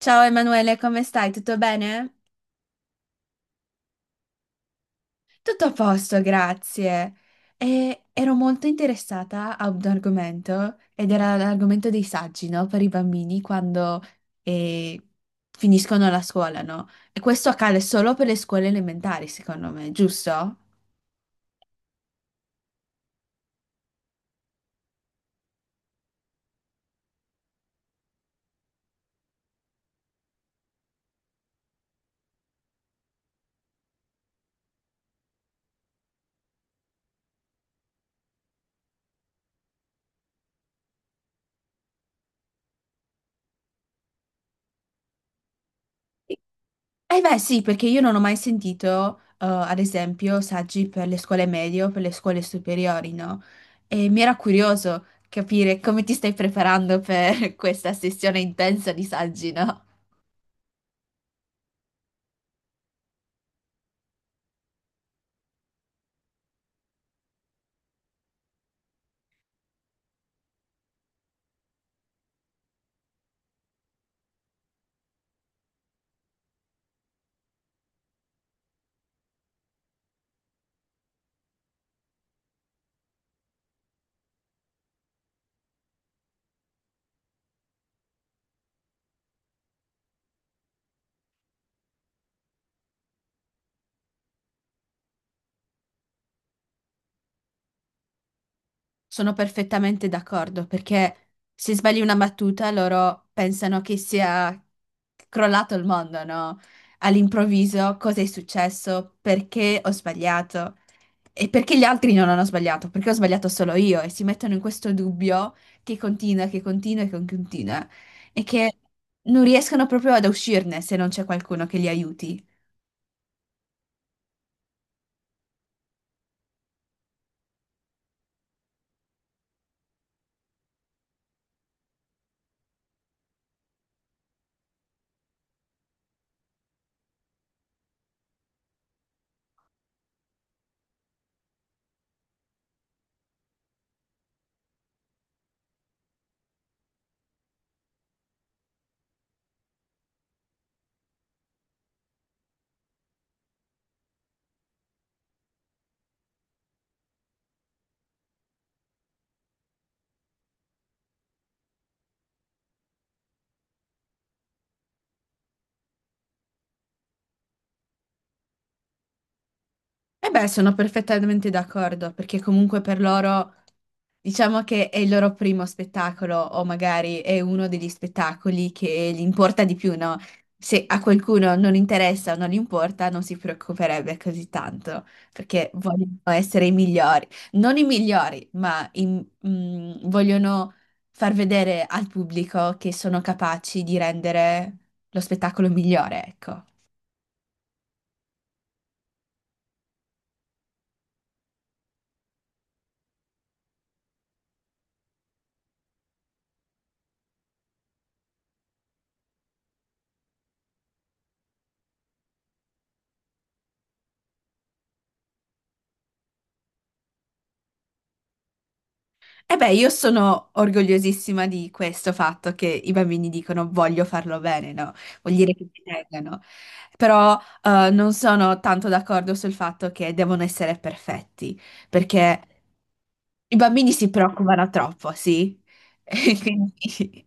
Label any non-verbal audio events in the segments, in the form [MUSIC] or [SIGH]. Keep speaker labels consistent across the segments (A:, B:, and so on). A: Ciao Emanuele, come stai? Tutto bene? Tutto a posto, grazie. E ero molto interessata a un argomento ed era l'argomento dei saggi, no? Per i bambini quando eh, finiscono la scuola, no? E questo accade solo per le scuole elementari, secondo me, giusto? Eh beh sì, perché io non ho mai sentito, ad esempio, saggi per le scuole medie o per le scuole superiori, no? E mi era curioso capire come ti stai preparando per [LAUGHS] questa sessione intensa di saggi, no? Sono perfettamente d'accordo perché se sbagli una battuta loro pensano che sia crollato il mondo, no? All'improvviso cosa è successo? Perché ho sbagliato? E perché gli altri non hanno sbagliato? Perché ho sbagliato solo io? E si mettono in questo dubbio che continua e che continua e che non riescono proprio ad uscirne se non c'è qualcuno che li aiuti. E beh, sono perfettamente d'accordo perché comunque per loro. Diciamo che è il loro primo spettacolo o magari è uno degli spettacoli che gli importa di più, no? Se a qualcuno non interessa o non gli importa, non si preoccuperebbe così tanto, perché vogliono essere i migliori. Non i migliori, vogliono far vedere al pubblico che sono capaci di rendere lo spettacolo migliore, ecco. E beh, io sono orgogliosissima di questo fatto che i bambini dicono voglio farlo bene, no? Vuol dire che ci tengano. Però non sono tanto d'accordo sul fatto che devono essere perfetti, perché i bambini si preoccupano troppo, sì? [LAUGHS] E quindi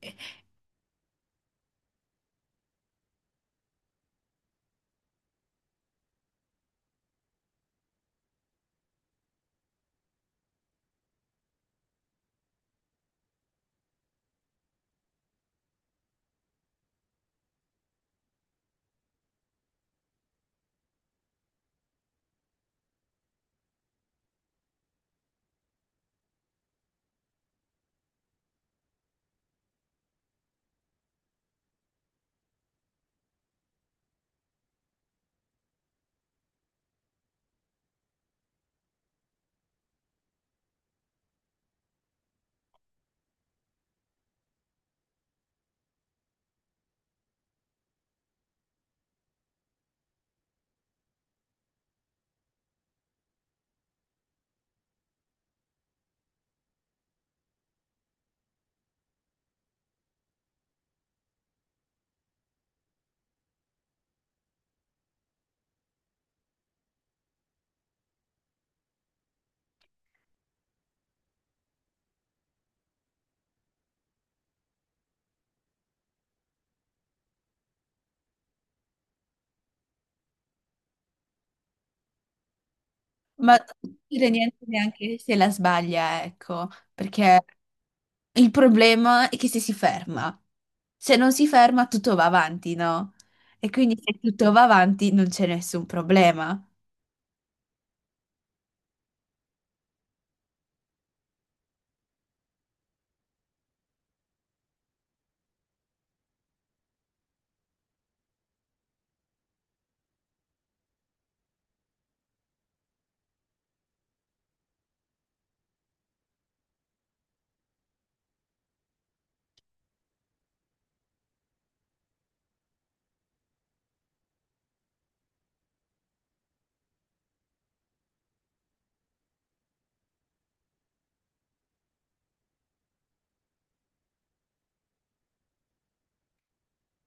A: ma non dire niente neanche se la sbaglia, ecco, perché il problema è che se si ferma, se non si ferma tutto va avanti, no? E quindi se tutto va avanti non c'è nessun problema.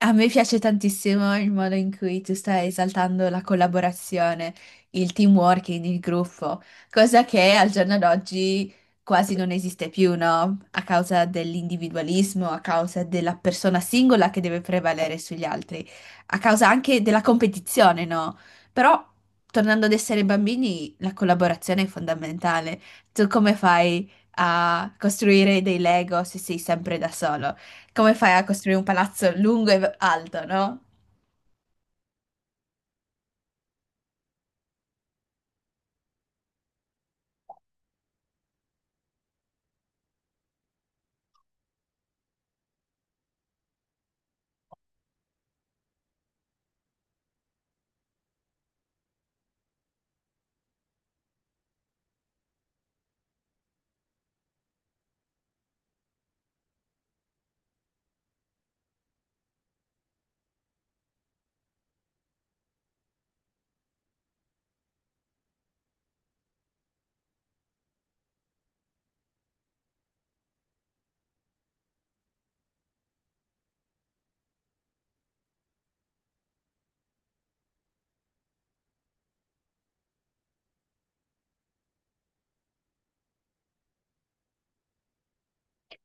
A: A me piace tantissimo il modo in cui tu stai esaltando la collaborazione, il teamwork, in il gruppo, cosa che al giorno d'oggi quasi non esiste più, no? A causa dell'individualismo, a causa della persona singola che deve prevalere sugli altri, a causa anche della competizione, no? Però, tornando ad essere bambini, la collaborazione è fondamentale. Tu come fai a costruire dei Lego se sei sempre da solo? Come fai a costruire un palazzo lungo e alto, no?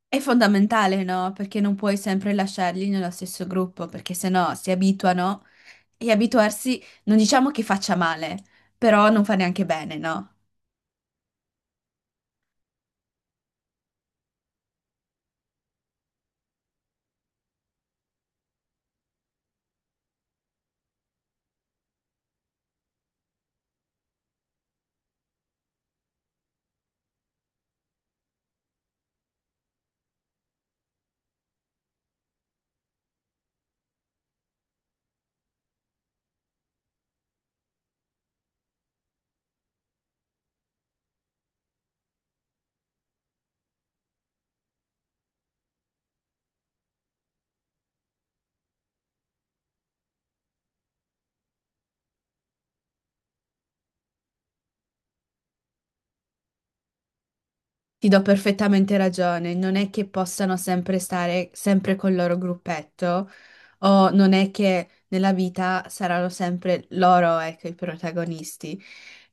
A: È fondamentale, no? Perché non puoi sempre lasciarli nello stesso gruppo, perché sennò si abituano e abituarsi non diciamo che faccia male, però non fa neanche bene, no? Ti do perfettamente ragione, non è che possano sempre stare sempre col loro gruppetto o non è che nella vita saranno sempre loro, ecco, i protagonisti.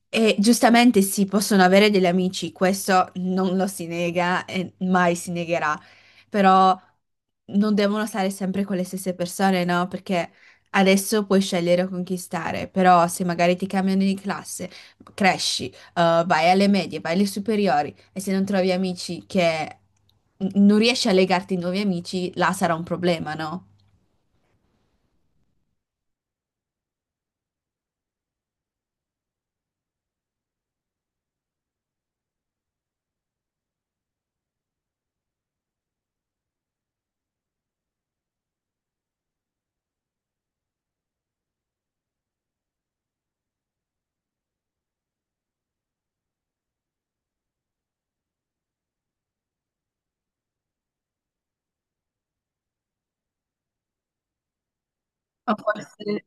A: E giustamente sì, possono avere degli amici, questo non lo si nega e mai si negherà, però non devono stare sempre con le stesse persone, no? Perché adesso puoi scegliere con chi stare, però se magari ti cambiano di classe, cresci, vai alle medie, vai alle superiori e se non trovi amici che non riesci a legarti ai nuovi amici, là sarà un problema, no? Ma forse,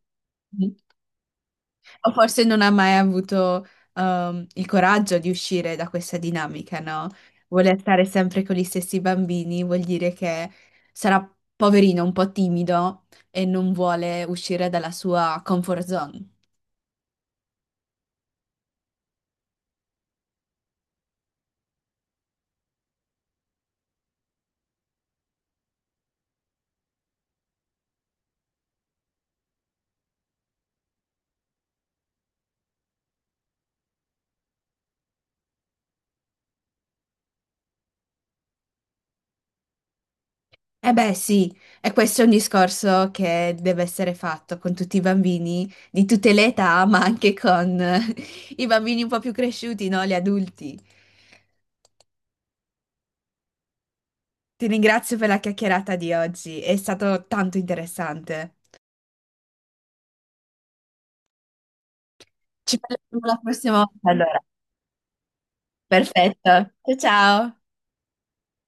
A: o forse non ha mai avuto il coraggio di uscire da questa dinamica, no? Vuole stare sempre con gli stessi bambini, vuol dire che sarà poverino, un po' timido e non vuole uscire dalla sua comfort zone. Eh beh, sì, e questo è un discorso che deve essere fatto con tutti i bambini di tutte le età, ma anche con i bambini un po' più cresciuti, no? Gli adulti. Ti ringrazio per la chiacchierata di oggi, è stato tanto interessante. Ci parliamo la prossima volta, allora. Perfetto. Ciao ciao.